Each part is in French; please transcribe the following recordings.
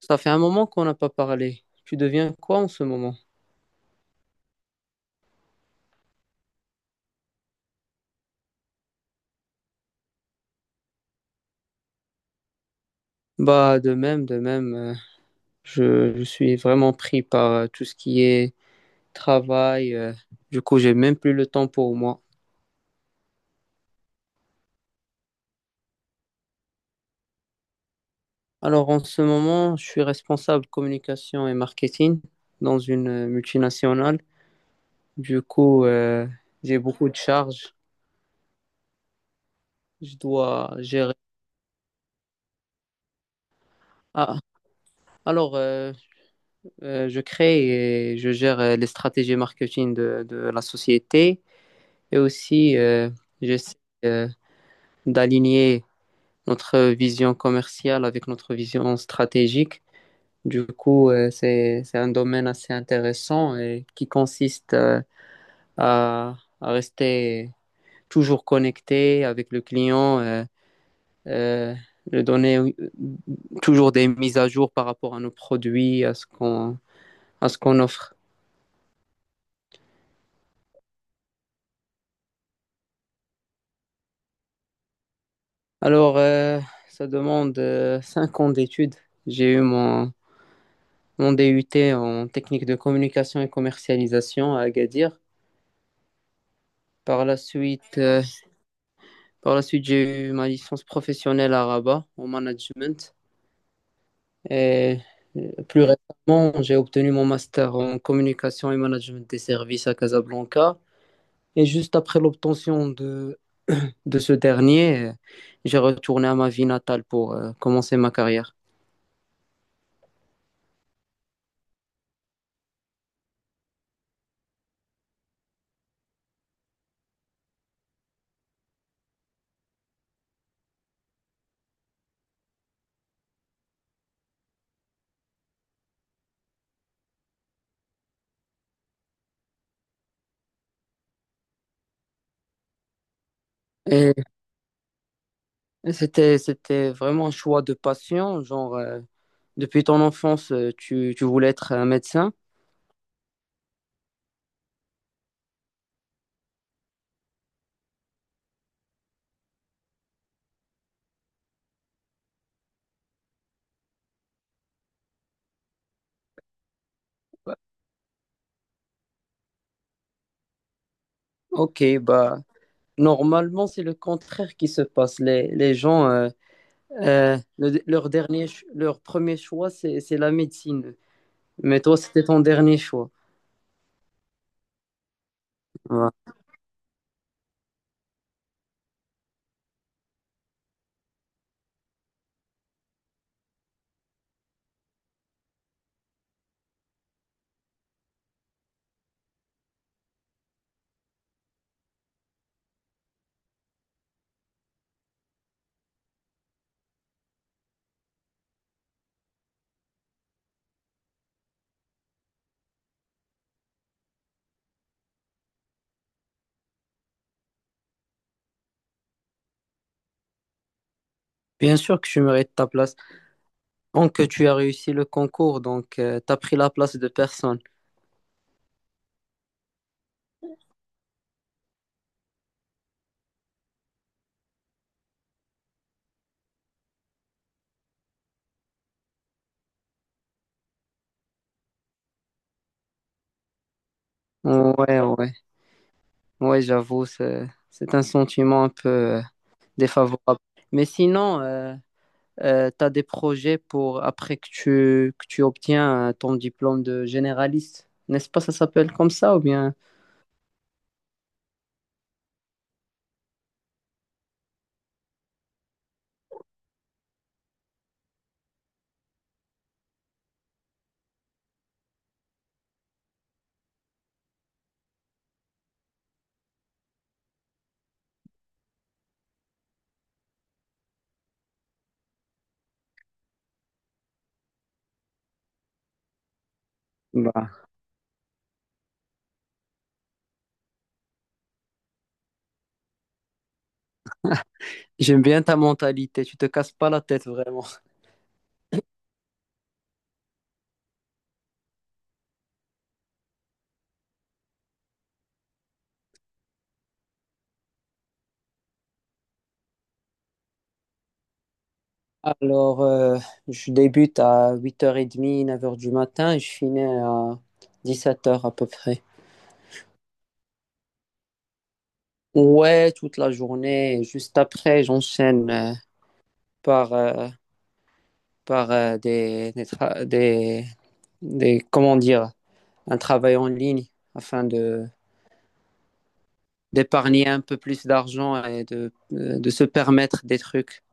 Ça fait un moment qu'on n'a pas parlé. Tu deviens quoi en ce moment? Bah, de même, de même. Je suis vraiment pris par tout ce qui est travail. Du coup, j'ai même plus le temps pour moi. Alors, en ce moment, je suis responsable communication et marketing dans une multinationale. Du coup, j'ai beaucoup de charges. Je dois gérer. Ah, alors, je crée et je gère les stratégies marketing de la société. Et aussi, j'essaie euh, d'aligner notre vision commerciale avec notre vision stratégique. Du coup, c'est un domaine assez intéressant et qui consiste à rester toujours connecté avec le client, euh, lui donner toujours des mises à jour par rapport à nos produits, à à ce qu'on offre. Alors, ça demande 5 ans d'études. J'ai eu mon DUT en technique de communication et commercialisation à Agadir. Par la suite, j'ai eu ma licence professionnelle à Rabat en management. Et plus récemment, j'ai obtenu mon master en communication et management des services à Casablanca. Et juste après l'obtention de, de ce dernier, j'ai retourné à ma ville natale pour commencer ma carrière. Et c'était vraiment un choix de passion, genre. Depuis ton enfance, tu voulais être un médecin? Ok, bah normalement c'est le contraire qui se passe. Les gens, leur leur premier choix c'est la médecine. Mais toi c'était ton dernier choix. Ouais. Bien sûr que tu mérites ta place. Donc tu as réussi le concours, donc tu as pris la place de personne. Ouais, ouais, ouais, j'avoue, c'est un sentiment un peu défavorable. Mais sinon, tu as des projets pour après que que tu obtiens ton diplôme de généraliste. N'est-ce pas, ça s'appelle comme ça ou bien? Bah, j'aime bien ta mentalité, tu te casses pas la tête vraiment. Alors, je débute à 8h30, 9 heures du matin et je finis à 17 heures à peu près. Ouais, toute la journée. Et juste après, j'enchaîne par, euh, par comment dire, un travail en ligne afin d'épargner un peu plus d'argent et de se permettre des trucs.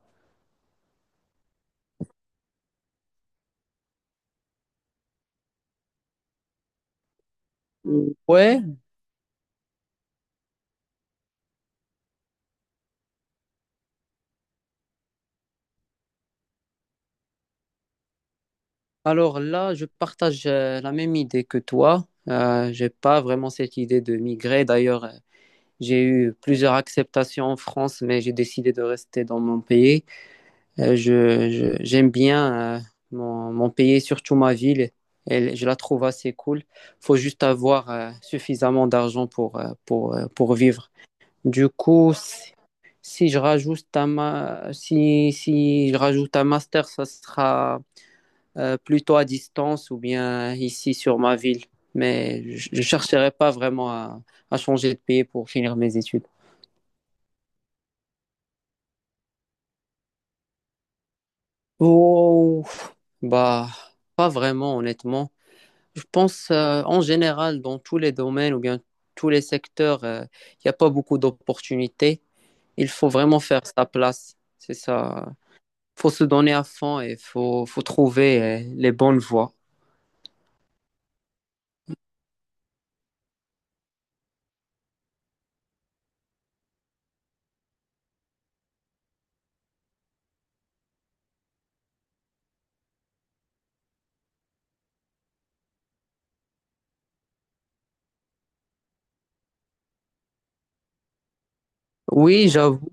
Ouais, alors là, je partage la même idée que toi. J'ai pas vraiment cette idée de migrer. D'ailleurs, j'ai eu plusieurs acceptations en France, mais j'ai décidé de rester dans mon pays. J'aime bien mon pays, surtout ma ville. Je la trouve assez cool. Faut juste avoir suffisamment d'argent pour vivre. Du coup, si je rajoute un ma- si, si je rajoute un master, ça sera plutôt à distance ou bien ici sur ma ville. Mais je ne chercherai pas vraiment à changer de pays pour finir mes études. Oh, bah, pas vraiment, honnêtement. Je pense en général, dans tous les domaines ou bien tous les secteurs, il n'y a pas beaucoup d'opportunités. Il faut vraiment faire sa place. C'est ça, faut se donner à fond et faut trouver les bonnes voies. Oui, j'avoue,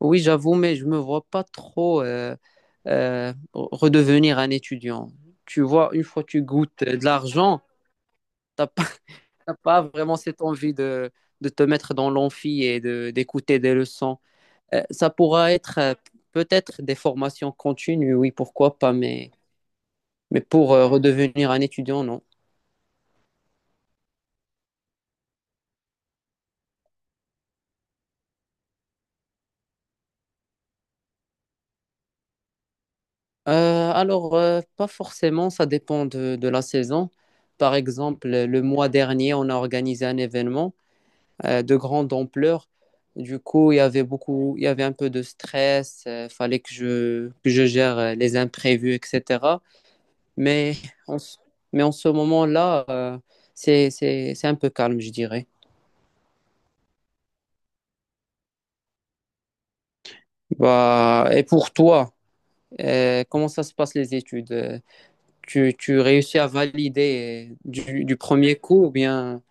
oui, j'avoue, mais je me vois pas trop redevenir un étudiant. Tu vois, une fois que tu goûtes de l'argent, t'as pas, t'as pas vraiment cette envie de te mettre dans l'amphi et d'écouter des leçons. Ça pourra être peut-être des formations continues, oui, pourquoi pas, mais pour redevenir un étudiant, non. Alors, pas forcément, ça dépend de la saison. Par exemple, le mois dernier, on a organisé un événement de grande ampleur. Du coup, il y avait un peu de stress, il fallait que que je gère les imprévus, etc. Mais en, ce- mais en ce moment-là, c'est un peu calme, je dirais. Bah, et pour toi, comment ça se passe les études? Tu réussis à valider du premier coup ou bien...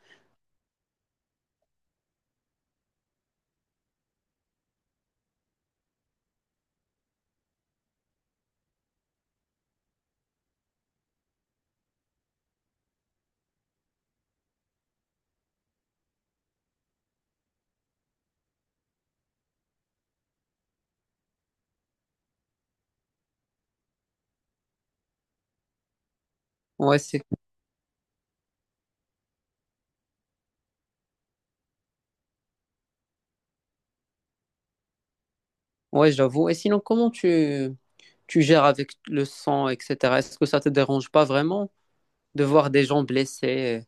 Ouais, c'est... ouais, j'avoue. Et sinon, comment tu... tu gères avec le sang, etc. Est-ce que ça te dérange pas vraiment de voir des gens blessés?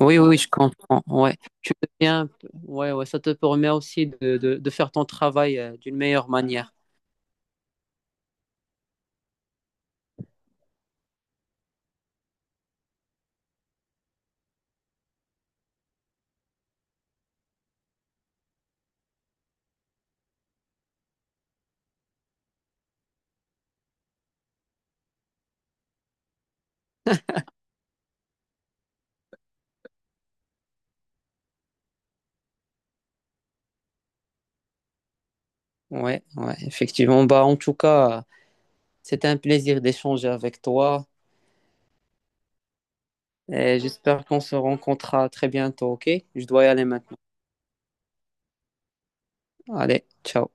Oui, oui, je comprends. Ouais. Tu deviens... un peu... Ouais, ouais, ça te permet aussi de faire ton travail d'une meilleure manière. Ouais, ouais, effectivement. Bah, en tout cas, c'était un plaisir d'échanger avec toi. Et j'espère qu'on se rencontrera très bientôt, ok? Je dois y aller maintenant. Allez, ciao.